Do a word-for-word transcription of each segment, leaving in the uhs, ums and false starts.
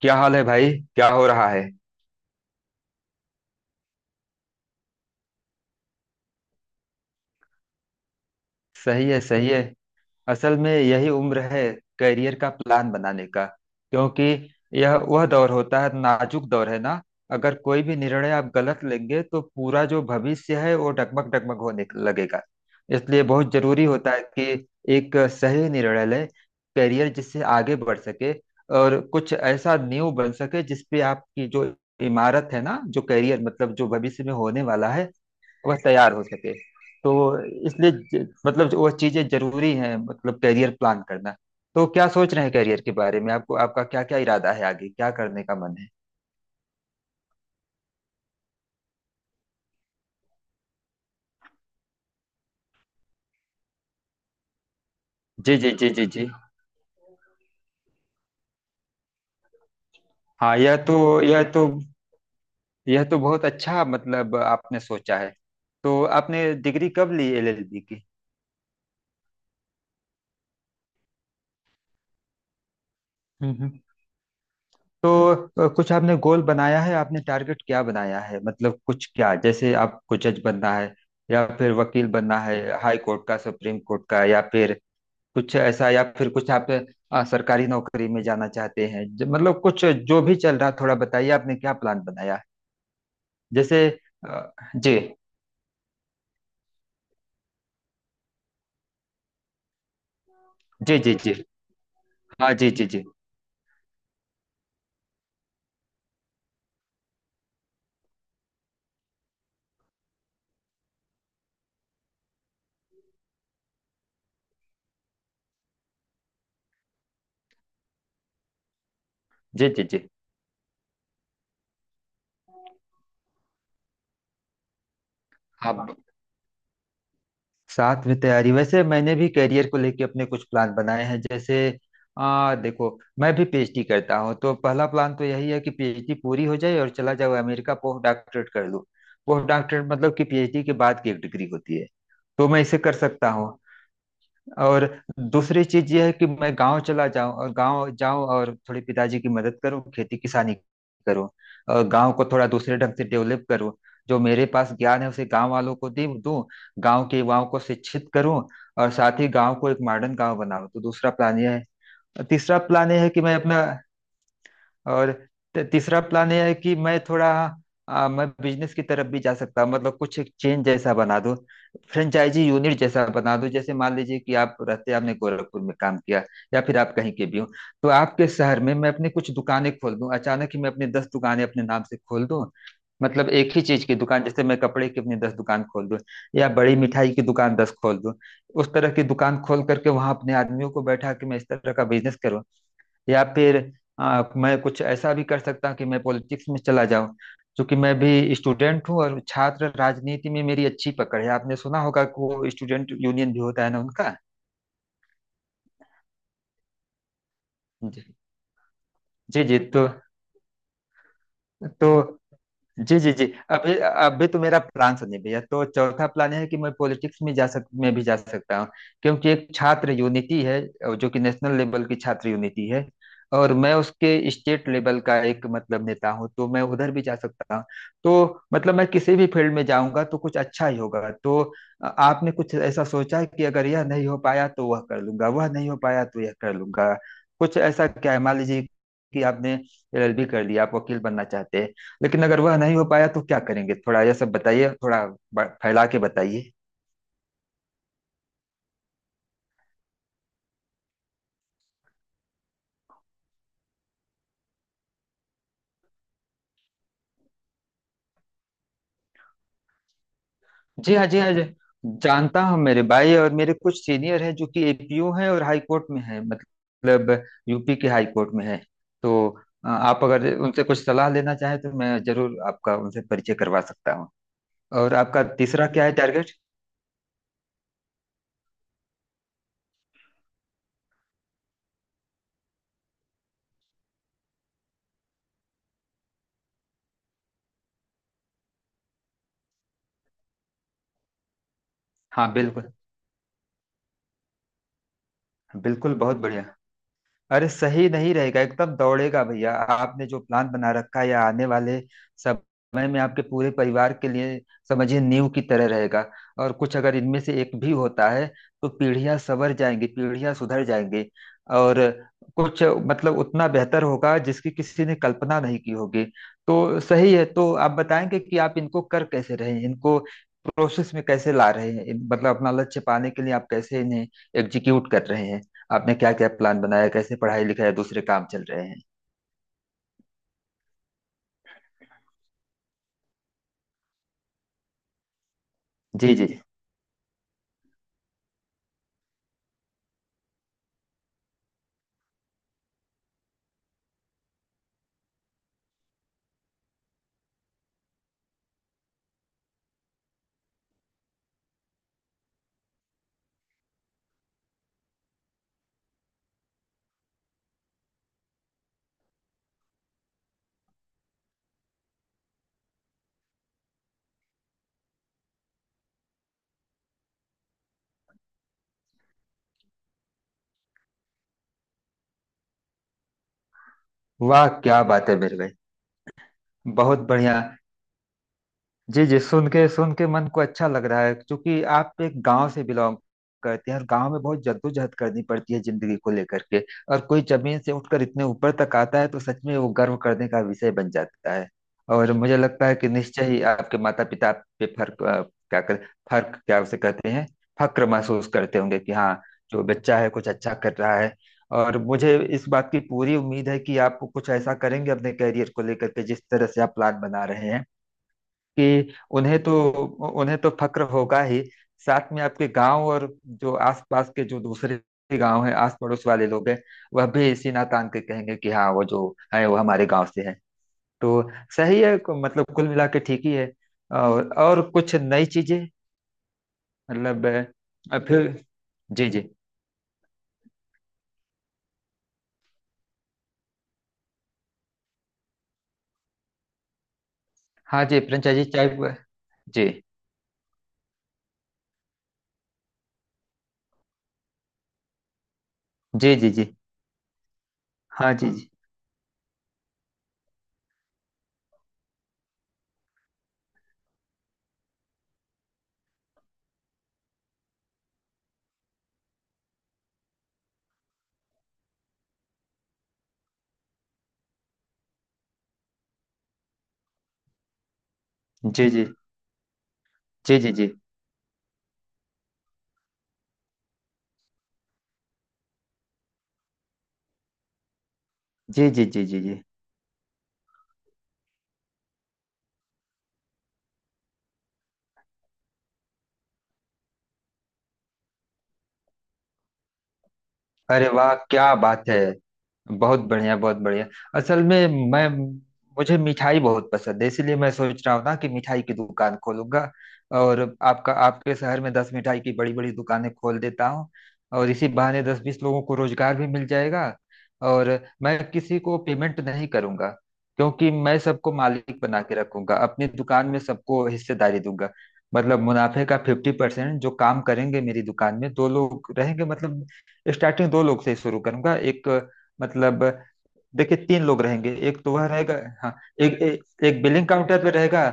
क्या हाल है भाई। क्या हो रहा है। सही है सही है। असल में यही उम्र है करियर का प्लान बनाने का, क्योंकि यह वह दौर होता है, नाजुक दौर है ना। अगर कोई भी निर्णय आप गलत लेंगे तो पूरा जो भविष्य है वो डगमग डगमग होने लगेगा। इसलिए बहुत जरूरी होता है कि एक सही निर्णय लें, करियर जिससे आगे बढ़ सके और कुछ ऐसा नींव बन सके जिसपे आपकी जो इमारत है ना जो करियर मतलब जो भविष्य में होने वाला है वह तैयार हो सके। तो इसलिए ज- मतलब जो वह चीजें जरूरी हैं, मतलब करियर प्लान करना। तो क्या सोच रहे हैं करियर के बारे में, आपको आपका क्या क्या इरादा है, आगे क्या करने का मन है? जी जी जी जी जी। हाँ, यह तो यह तो यह तो बहुत अच्छा मतलब आपने सोचा है। तो आपने डिग्री कब ली एलएलबी की? हम्म हम्म। तो अ, कुछ आपने गोल बनाया है, आपने टारगेट क्या बनाया है? मतलब कुछ, क्या जैसे आपको जज बनना है या फिर वकील बनना है हाई कोर्ट का सुप्रीम कोर्ट का, या फिर कुछ ऐसा, या फिर कुछ आप अ, सरकारी नौकरी में जाना चाहते हैं? ज- मतलब कुछ जो भी चल रहा, थोड़ा बताइए आपने क्या प्लान बनाया है। जैसे अ, जी जी जी जी। हाँ जी जी जी। जी जी जी। आप साथ में तैयारी, वैसे मैंने भी करियर को लेके अपने कुछ प्लान बनाए हैं। जैसे आ, देखो, मैं भी पीएचडी करता हूँ, तो पहला प्लान तो यही है कि पीएचडी पूरी हो जाए और चला जाओ अमेरिका, पोस्ट डॉक्टरेट कर लूँ। पोस्ट डॉक्टरेट मतलब कि पीएचडी के बाद की एक डिग्री होती है। तो मैं इसे कर सकता हूँ। और दूसरी चीज ये है कि मैं गांव चला जाऊं, और गांव जाऊं और थोड़ी पिताजी की मदद करूं, खेती किसानी करूं। और गांव को थोड़ा दूसरे ढंग से डेवलप करूं। जो मेरे पास ज्ञान है उसे गांव वालों को दे दूं, गांव के युवाओं को शिक्षित करूं, और साथ ही गांव को एक मॉडर्न गांव बनाऊं। तो दूसरा प्लान यह है। और तीसरा प्लान यह है कि मैं अपना, और त- तीसरा प्लान यह है कि मैं थोड़ा आ, मैं बिजनेस की तरफ भी जा सकता हूँ, मतलब कुछ एक चेन जैसा बना दूं, फ्रेंचाइजी यूनिट जैसा बना दूं। जैसे मान लीजिए कि आप रहते, आपने गोरखपुर में काम किया या फिर आप कहीं के भी हो, तो आपके शहर में मैं अपनी कुछ दुकानें खोल दूं, अचानक ही मैं अपनी दस दुकानें अपने नाम से खोल दूं। मतलब एक ही चीज की दुकान, जैसे मैं कपड़े की अपनी दस दुकान खोल दूं या बड़ी मिठाई की दुकान दस खोल दूं। उस तरह की दुकान खोल करके वहां अपने आदमियों को बैठा के मैं इस तरह का बिजनेस करूं। या फिर आ, मैं कुछ ऐसा भी कर सकता हूँ कि मैं पॉलिटिक्स में चला जाऊं, क्योंकि मैं भी स्टूडेंट हूँ और छात्र राजनीति में मेरी अच्छी पकड़ है। आपने सुना होगा कि वो स्टूडेंट यूनियन भी होता है ना उनका। जी जी जी, तो तो जी जी जी। अभी अभी तो मेरा प्लान सुनिए भैया। तो चौथा प्लान है कि मैं पॉलिटिक्स में जा सक में भी जा सकता हूँ, क्योंकि एक छात्र यूनिटी है जो कि नेशनल लेवल की छात्र यूनिटी है, और मैं उसके स्टेट लेवल का एक मतलब नेता हूँ, तो मैं उधर भी जा सकता हूँ। तो मतलब मैं किसी भी फील्ड में जाऊंगा तो कुछ अच्छा ही होगा। तो अ, आपने कुछ ऐसा सोचा है कि अगर यह नहीं हो पाया तो वह कर लूंगा, वह नहीं हो पाया तो यह कर लूंगा? कुछ ऐसा क्या है? मान लीजिए कि आपने एलएलबी कर लिया, आप वकील बनना चाहते हैं, लेकिन अगर वह नहीं हो पाया तो क्या करेंगे? थोड़ा यह सब बताइए, थोड़ा ब- फैला के बताइए। जी हाँ जी हाँ जी। जानता हूँ मेरे भाई। और मेरे कुछ सीनियर हैं जो कि एपीओ हैं और हाई कोर्ट में हैं, मतलब यूपी के हाई कोर्ट में हैं। तो अ, आप अगर उनसे कुछ सलाह लेना चाहें तो मैं जरूर आपका उनसे परिचय करवा सकता हूँ। और आपका तीसरा क्या है टारगेट? हाँ बिल्कुल। बिल्कुल, बहुत बढ़िया। अरे, सही नहीं रहेगा, एकदम दौड़ेगा भैया। आपने जो प्लान बना रखा है या आने वाले समय में आपके पूरे परिवार के लिए, समझिए, नींव की तरह रहेगा। और कुछ अगर इनमें से एक भी होता है तो पीढ़ियां संवर जाएंगी, पीढ़ियां सुधर जाएंगी, और कुछ मतलब उतना बेहतर होगा जिसकी किसी ने कल्पना नहीं की होगी। तो सही है। तो आप बताएंगे कि आप इनको कर कैसे रहे हैं, इनको प्रोसेस में कैसे ला रहे हैं? इन- मतलब अपना लक्ष्य पाने के लिए आप कैसे इन्हें एग्जीक्यूट कर रहे हैं? आपने क्या क्या प्लान बनाया, कैसे पढ़ाई लिखाई दूसरे काम चल रहे हैं? जी जी। वाह क्या बात है मेरे भाई। बहुत बढ़िया। जी जी, सुन के सुन के मन को अच्छा लग रहा है, क्योंकि आप एक गांव से बिलोंग करते हैं और गांव में बहुत जद्दोजहद करनी पड़ती है जिंदगी को लेकर के। और कोई जमीन से उठकर इतने ऊपर तक आता है तो सच में वो गर्व करने का विषय बन जाता है। और मुझे लगता है कि निश्चय ही आपके माता पिता पे फर्क अ, क्या कर फर्क क्या उसे कहते हैं फक्र महसूस करते होंगे कि हाँ, जो बच्चा है कुछ अच्छा कर रहा है। और मुझे इस बात की पूरी उम्मीद है कि आप कुछ ऐसा करेंगे अपने करियर को लेकर के, जिस तरह से आप प्लान बना रहे हैं कि उन्हें तो उन्हें तो फक्र होगा ही, साथ में आपके गांव और जो आसपास के जो दूसरे गांव हैं आस पड़ोस वाले लोग हैं वह भी इसी नातान के कहेंगे कि हाँ, वो जो है वो हमारे गांव से है। तो सही है, मतलब कुल मिला के ठीक ही है। और और कुछ नई चीजें मतलब अ, फिर। जी जी। हाँ जी फ्रेंचाइजी चाय। जी। जी जी जी। हाँ जी। जी जी। जी जी जी जी जी जी जी जी जी जी। अरे वाह क्या बात है। बहुत बढ़िया, बहुत बढ़िया। असल में मैं, मुझे मिठाई बहुत पसंद है, इसीलिए मैं सोच रहा हूँ ना कि मिठाई की दुकान खोलूंगा। और आपका, आपके शहर में दस मिठाई की बड़ी बड़ी दुकानें खोल देता हूँ, और इसी बहाने दस बीस लोगों को रोजगार भी मिल जाएगा। और मैं किसी को पेमेंट नहीं करूंगा, क्योंकि मैं सबको मालिक बना के रखूंगा, अपनी दुकान में सबको हिस्सेदारी दूंगा। मतलब मुनाफे का फिफ्टी परसेंट, जो काम करेंगे मेरी दुकान में। दो लोग रहेंगे, मतलब स्टार्टिंग दो लोग से ही शुरू करूंगा। एक मतलब देखिए तीन लोग रहेंगे। एक तो वह रहेगा। हाँ, एक एक, एक बिलिंग काउंटर पे रहेगा,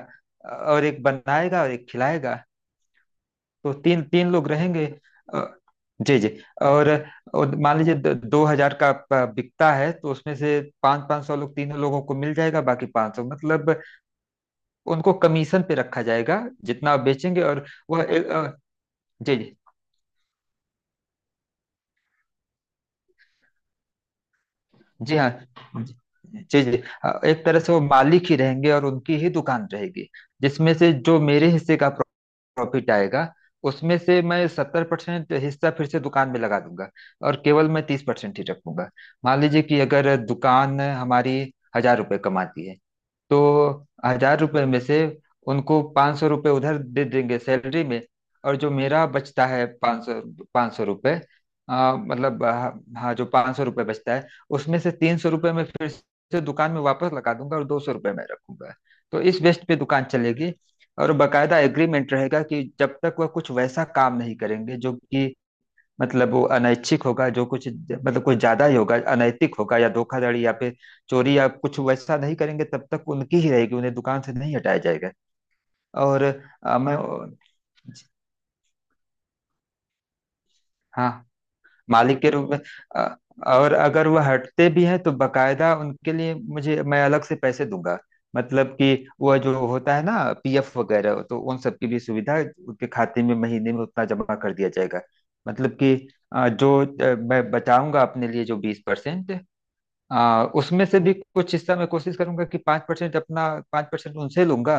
और एक बनाएगा और एक खिलाएगा। तो तीन तीन लोग रहेंगे। अ, जी जी। और, और मान लीजिए द- दो हजार का प- बिकता है, तो उसमें से पाँच पाँच सौ लोग, तीनों लोगों को मिल जाएगा, बाकी पाँच सौ मतलब उनको कमीशन पे रखा जाएगा। जितना आप बेचेंगे। और वह एक, अ, जी जी जी हाँ जी जी जी, अ, एक तरह से वो मालिक ही रहेंगे और उनकी ही दुकान रहेगी, जिसमें से जो मेरे हिस्से का प्रॉफिट आएगा उसमें से मैं सत्तर परसेंट हिस्सा फिर से दुकान में लगा दूंगा और केवल मैं तीस परसेंट ही रखूंगा। मान लीजिए कि अगर दुकान हमारी हजार रुपये कमाती है, तो हजार रुपये में से उनको पाँच सौ रुपये उधर दे देंगे सैलरी में, और जो मेरा बचता है पाँच सौ, पाँच सौ रुपये आ, मतलब आ, हाँ, जो पाँच सौ रुपये बचता है उसमें से तीन सौ रुपये मैं फिर से दुकान में वापस लगा दूंगा और दो सौ रुपये मैं रखूंगा। तो इस बेस पे दुकान चलेगी। और बकायदा एग्रीमेंट रहेगा कि जब तक वह कुछ वैसा काम नहीं करेंगे जो कि मतलब वो अनैच्छिक होगा, जो कुछ मतलब कुछ ज्यादा ही होगा, अनैतिक होगा या धोखाधड़ी या फिर चोरी या कुछ वैसा, नहीं करेंगे तब तक उनकी ही रहेगी, उन्हें दुकान से नहीं हटाया जाएगा। और अ, मैं, हाँ, मालिक के रूप में। अ, और अगर वह हटते भी हैं तो बकायदा उनके लिए मुझे, मैं अलग से पैसे दूंगा, मतलब कि वह जो होता है ना पीएफ वगैरह, तो उन सब की भी सुविधा उनके खाते में महीने में उतना जमा कर दिया जाएगा। मतलब कि अ, जो अ, मैं बचाऊंगा अपने लिए जो बीस परसेंट, आ, उसमें से भी कुछ हिस्सा मैं कोशिश करूंगा कि पांच परसेंट अपना, पांच परसेंट उनसे लूंगा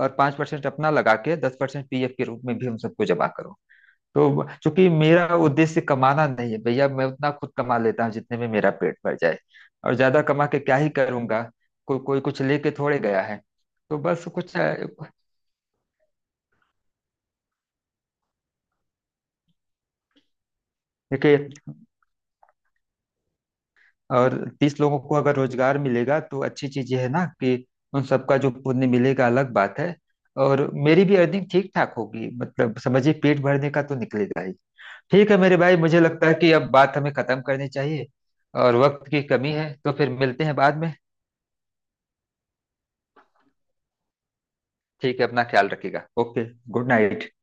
और पांच परसेंट अपना लगा के दस परसेंट पीएफ के रूप में भी उन सबको जमा करूँ। तो चूंकि मेरा उद्देश्य कमाना नहीं है भैया, मैं उतना खुद कमा लेता हूँ जितने में मेरा पेट भर जाए। और ज्यादा कमा के क्या ही करूंगा? को, कोई कुछ लेके थोड़े गया है। तो बस कुछ अ, देखिए, और तीस लोगों को अगर रोजगार मिलेगा तो अच्छी चीज ये है ना कि उन सबका जो पुण्य मिलेगा अलग बात है, और मेरी भी अर्निंग ठीक ठाक होगी, मतलब समझिए पेट भरने का तो निकलेगा ही। ठीक है मेरे भाई, मुझे लगता है कि अब बात हमें खत्म करनी चाहिए, और वक्त की कमी है, तो फिर मिलते हैं बाद में। ठीक है, अपना ख्याल रखिएगा। Okay, good night.